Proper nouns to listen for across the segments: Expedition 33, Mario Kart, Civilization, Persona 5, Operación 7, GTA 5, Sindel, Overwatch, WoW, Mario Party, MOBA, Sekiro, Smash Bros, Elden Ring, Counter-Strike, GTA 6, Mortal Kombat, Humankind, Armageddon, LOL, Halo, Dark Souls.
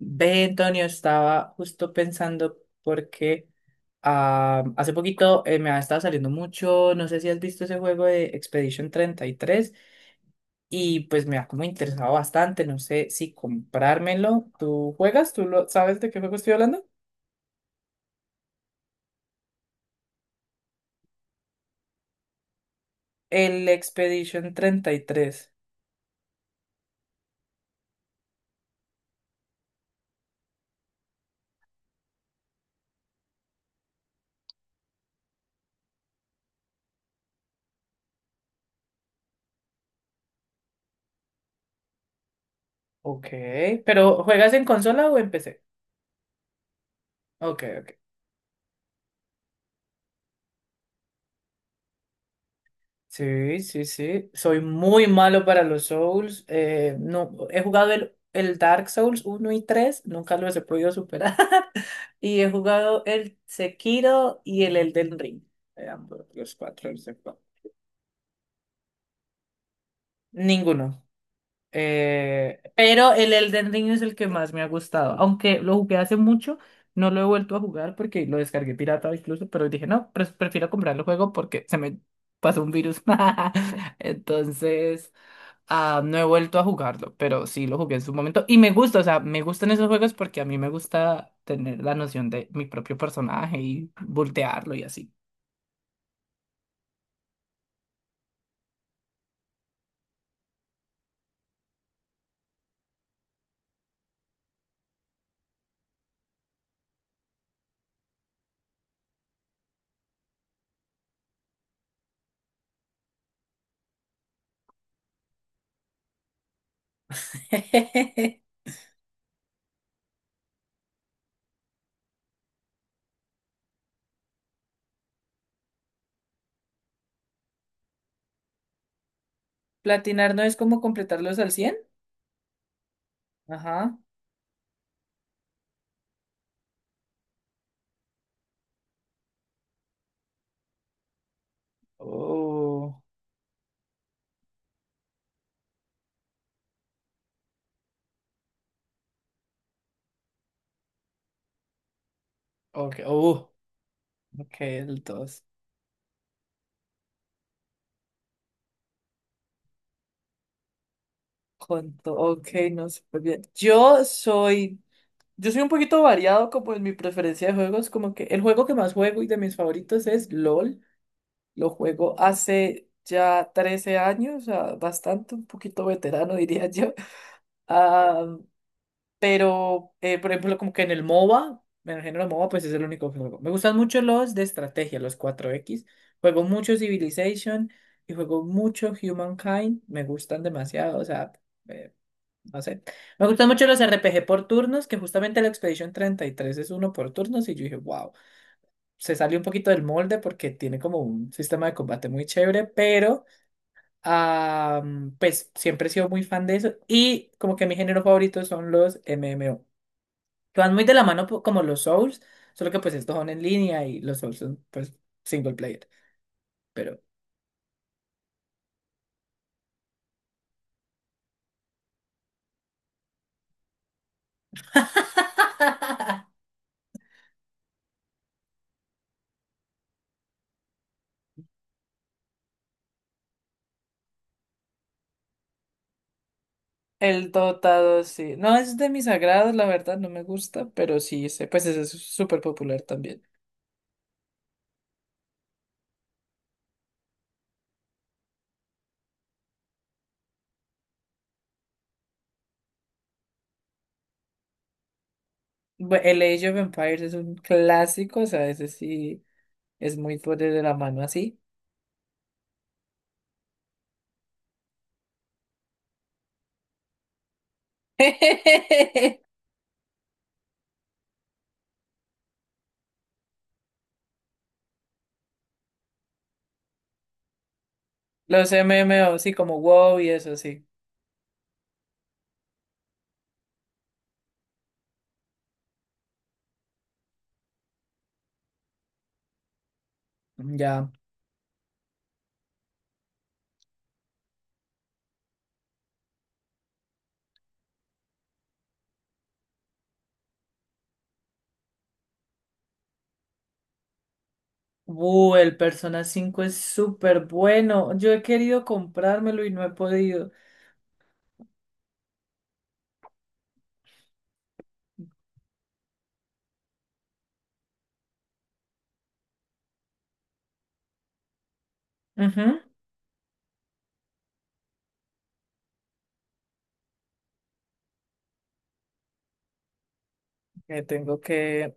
Ve, Antonio, estaba justo pensando porque hace poquito, me ha estado saliendo mucho, no sé si has visto ese juego de Expedition 33, y pues me ha como interesado bastante, no sé si comprármelo. ¿Tú juegas? ¿Tú sabes de qué juego estoy hablando? El Expedition 33. Ok, pero ¿juegas en consola o en PC? Ok, ok. Sí, sí, sí. Soy muy malo para los Souls. No, he jugado el Dark Souls uno y 3. Nunca los he podido superar. Y he jugado el Sekiro y el Elden Ring. Ambos, los cuatro, los cuatro. Ninguno. Pero el Elden Ring es el que más me ha gustado. Aunque lo jugué hace mucho, no lo he vuelto a jugar porque lo descargué pirata incluso, pero dije, no, prefiero comprar el juego porque se me pasó un virus. Entonces... Ah, no he vuelto a jugarlo, pero sí lo jugué en su momento. Y me gusta, o sea, me gustan esos juegos porque a mí me gusta tener la noción de mi propio personaje y voltearlo y así. Platinar no es como completarlos al 100. Ajá. Oh, ok, oh, ok, el 2. Conto, ok, no, súper bien. Yo soy un poquito variado como en mi preferencia de juegos, como que el juego que más juego y de mis favoritos es LOL. Lo juego hace ya 13 años, o sea, bastante, un poquito veterano diría yo. Ah, pero, por ejemplo, como que en el MOBA, en el género MOBA, pues es el único que juego. Me gustan mucho los de estrategia, los cuatro x. Juego mucho Civilization y juego mucho Humankind. Me gustan demasiado, o sea, eh, no sé. Me gustan mucho los RPG por turnos, que justamente la Expedition 33 es uno por turnos, y yo dije, wow, se salió un poquito del molde porque tiene como un sistema de combate muy chévere, pero ah, pues siempre he sido muy fan de eso. Y como que mi género favorito son los MMO, que van muy de la mano como los Souls, solo que pues estos son en línea y los Souls son pues single player. Pero. El dotado, sí. No es de mis agrados la verdad, no me gusta, pero sí sé, pues ese es súper popular también. El Age of Empires es un clásico, o sea, ese sí es muy fuerte de la mano así. Los M M O sí, como WoW y eso, sí. Ya. El Persona 5 es súper bueno. Yo he querido comprármelo y no he podido. Ujú. Me tengo que.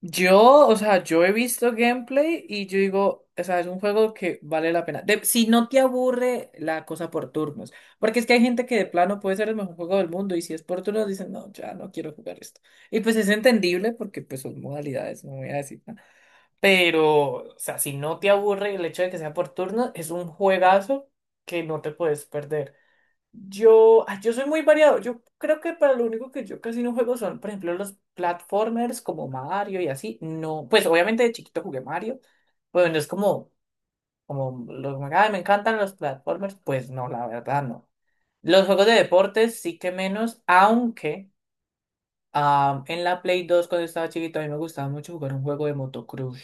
Yo, o sea, yo he visto gameplay y yo digo, o sea, es un juego que vale la pena. Si no te aburre la cosa por turnos, porque es que hay gente que de plano puede ser el mejor juego del mundo y si es por turnos dicen, no, ya no quiero jugar esto. Y pues es entendible porque pues son modalidades, no voy a decir nada. Pero, o sea, si no te aburre el hecho de que sea por turnos, es un juegazo que no te puedes perder. Yo soy muy variado. Yo creo que para lo único que yo casi no juego son, por ejemplo, los platformers como Mario y así. No, pues obviamente de chiquito jugué Mario, bueno, es como, "Ay, me encantan los platformers". Pues no, la verdad no. Los juegos de deportes sí que menos, aunque en la Play 2 cuando estaba chiquito a mí me gustaba mucho jugar un juego de motocross,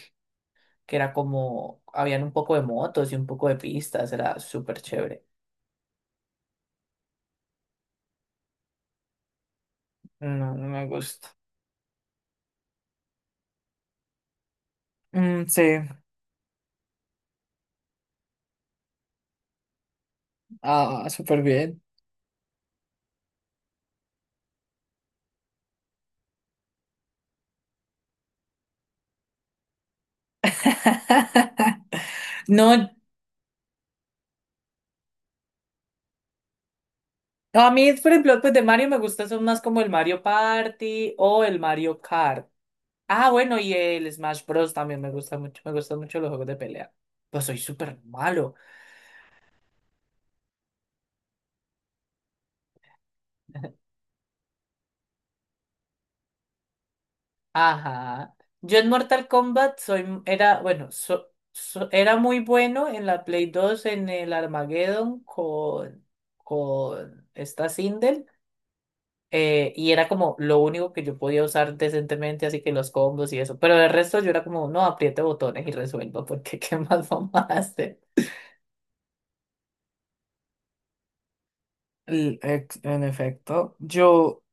que era como, habían un poco de motos y un poco de pistas, era súper chévere. No, no me gusta. Mm, sí. Ah, súper bien. No, a mí, por ejemplo, pues de Mario me gustan son más como el Mario Party o el Mario Kart. Ah, bueno, y el Smash Bros. También me gusta mucho. Me gustan mucho los juegos de pelea. Pues soy súper malo. Ajá. Yo en Mortal Kombat soy, era, bueno, era muy bueno en la Play 2 en el Armageddon con, esta Sindel. Y era como lo único que yo podía usar decentemente, así que los combos y eso. Pero el resto yo era como, no, apriete botones y resuelva, porque ¿qué más vamos a hacer? En efecto, yo,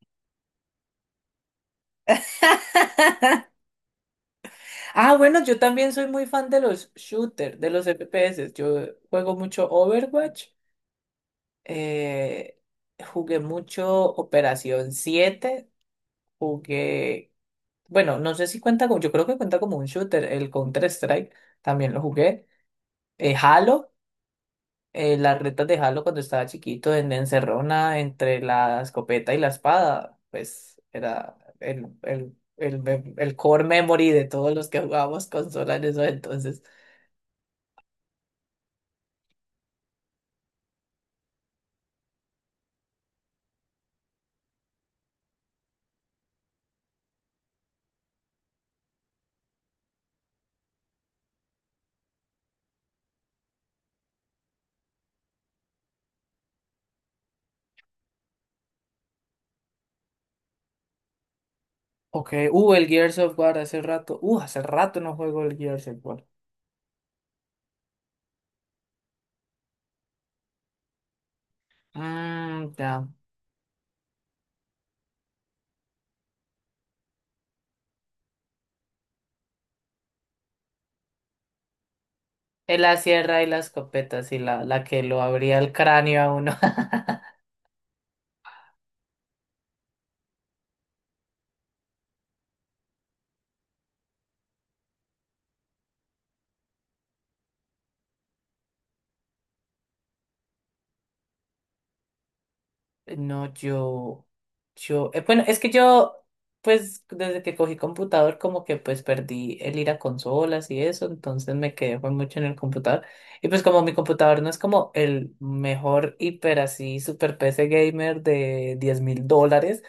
Ah, bueno, yo también soy muy fan de los shooters, de los FPS. Yo juego mucho Overwatch, eh, jugué mucho Operación 7, jugué, bueno, no sé si cuenta como, yo creo que cuenta como un shooter, el Counter-Strike, también lo jugué, Halo. Las retas de Halo cuando estaba chiquito en Encerrona entre la escopeta y la espada, pues era el core memory de todos los que jugábamos consola en eso entonces. Ok, el Gears of War hace rato no juego el Gears of War. Mmm, ya. Es la sierra y la escopeta, sí, la que lo abría el cráneo a uno. No, bueno, es que yo, pues desde que cogí computador, como que pues perdí el ir a consolas y eso, entonces me quedé fue mucho en el computador. Y pues como mi computador no es como el mejor hiper así, super PC gamer de $10,000,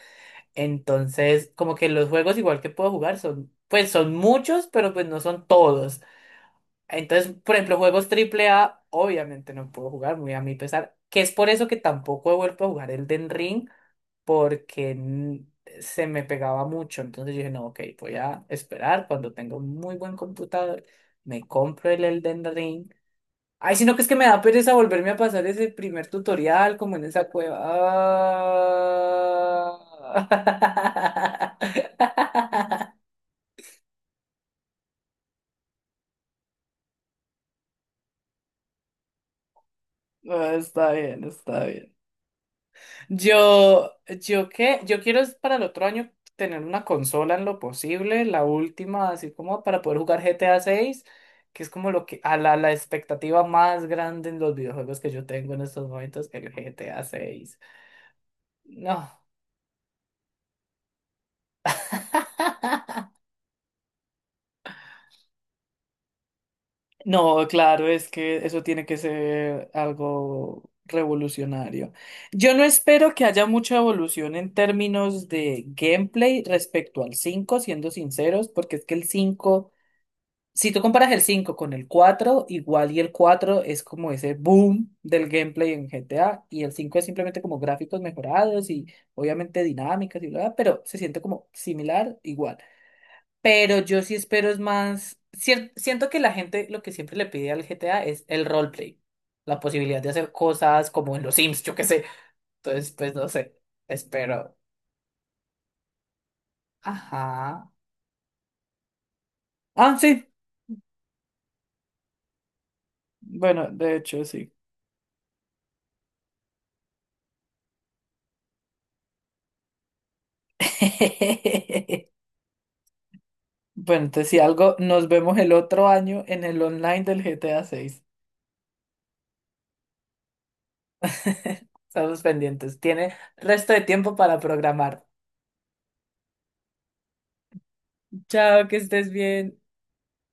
entonces como que los juegos igual que puedo jugar son, pues son muchos, pero pues no son todos. Entonces, por ejemplo, juegos triple A, obviamente no puedo jugar, muy a mi pesar, que es por eso que tampoco he vuelto a jugar el Elden Ring porque se me pegaba mucho. Entonces yo dije, no, ok, voy a esperar cuando tenga un muy buen computador, me compro el Elden Ring. Ay, sino que es que me da pereza volverme a pasar ese primer tutorial como en esa cueva. Ah. Ah, está bien, está bien. Yo, yo quiero es para el otro año tener una consola en lo posible, la última, así como para poder jugar GTA 6, que es como lo que, la expectativa más grande en los videojuegos que yo tengo en estos momentos, el GTA 6. No. No, claro, es que eso tiene que ser algo revolucionario. Yo no espero que haya mucha evolución en términos de gameplay respecto al cinco siendo sinceros, porque es que el cinco. Si tú comparas el cinco con el cuatro, igual, y el 4 es como ese boom del gameplay en GTA y el cinco es simplemente como gráficos mejorados y obviamente dinámicas y bla, pero se siente como similar, igual. Pero yo sí espero es más, siento que la gente lo que siempre le pide al GTA es el roleplay, la posibilidad de hacer cosas como en los Sims, yo qué sé. Entonces, pues no sé, espero. Ajá. Ah, sí. Bueno, de hecho, sí. Bueno, entonces si algo, nos vemos el otro año en el online del GTA 6. Estamos pendientes. Tiene resto de tiempo para programar. Chao, que estés bien.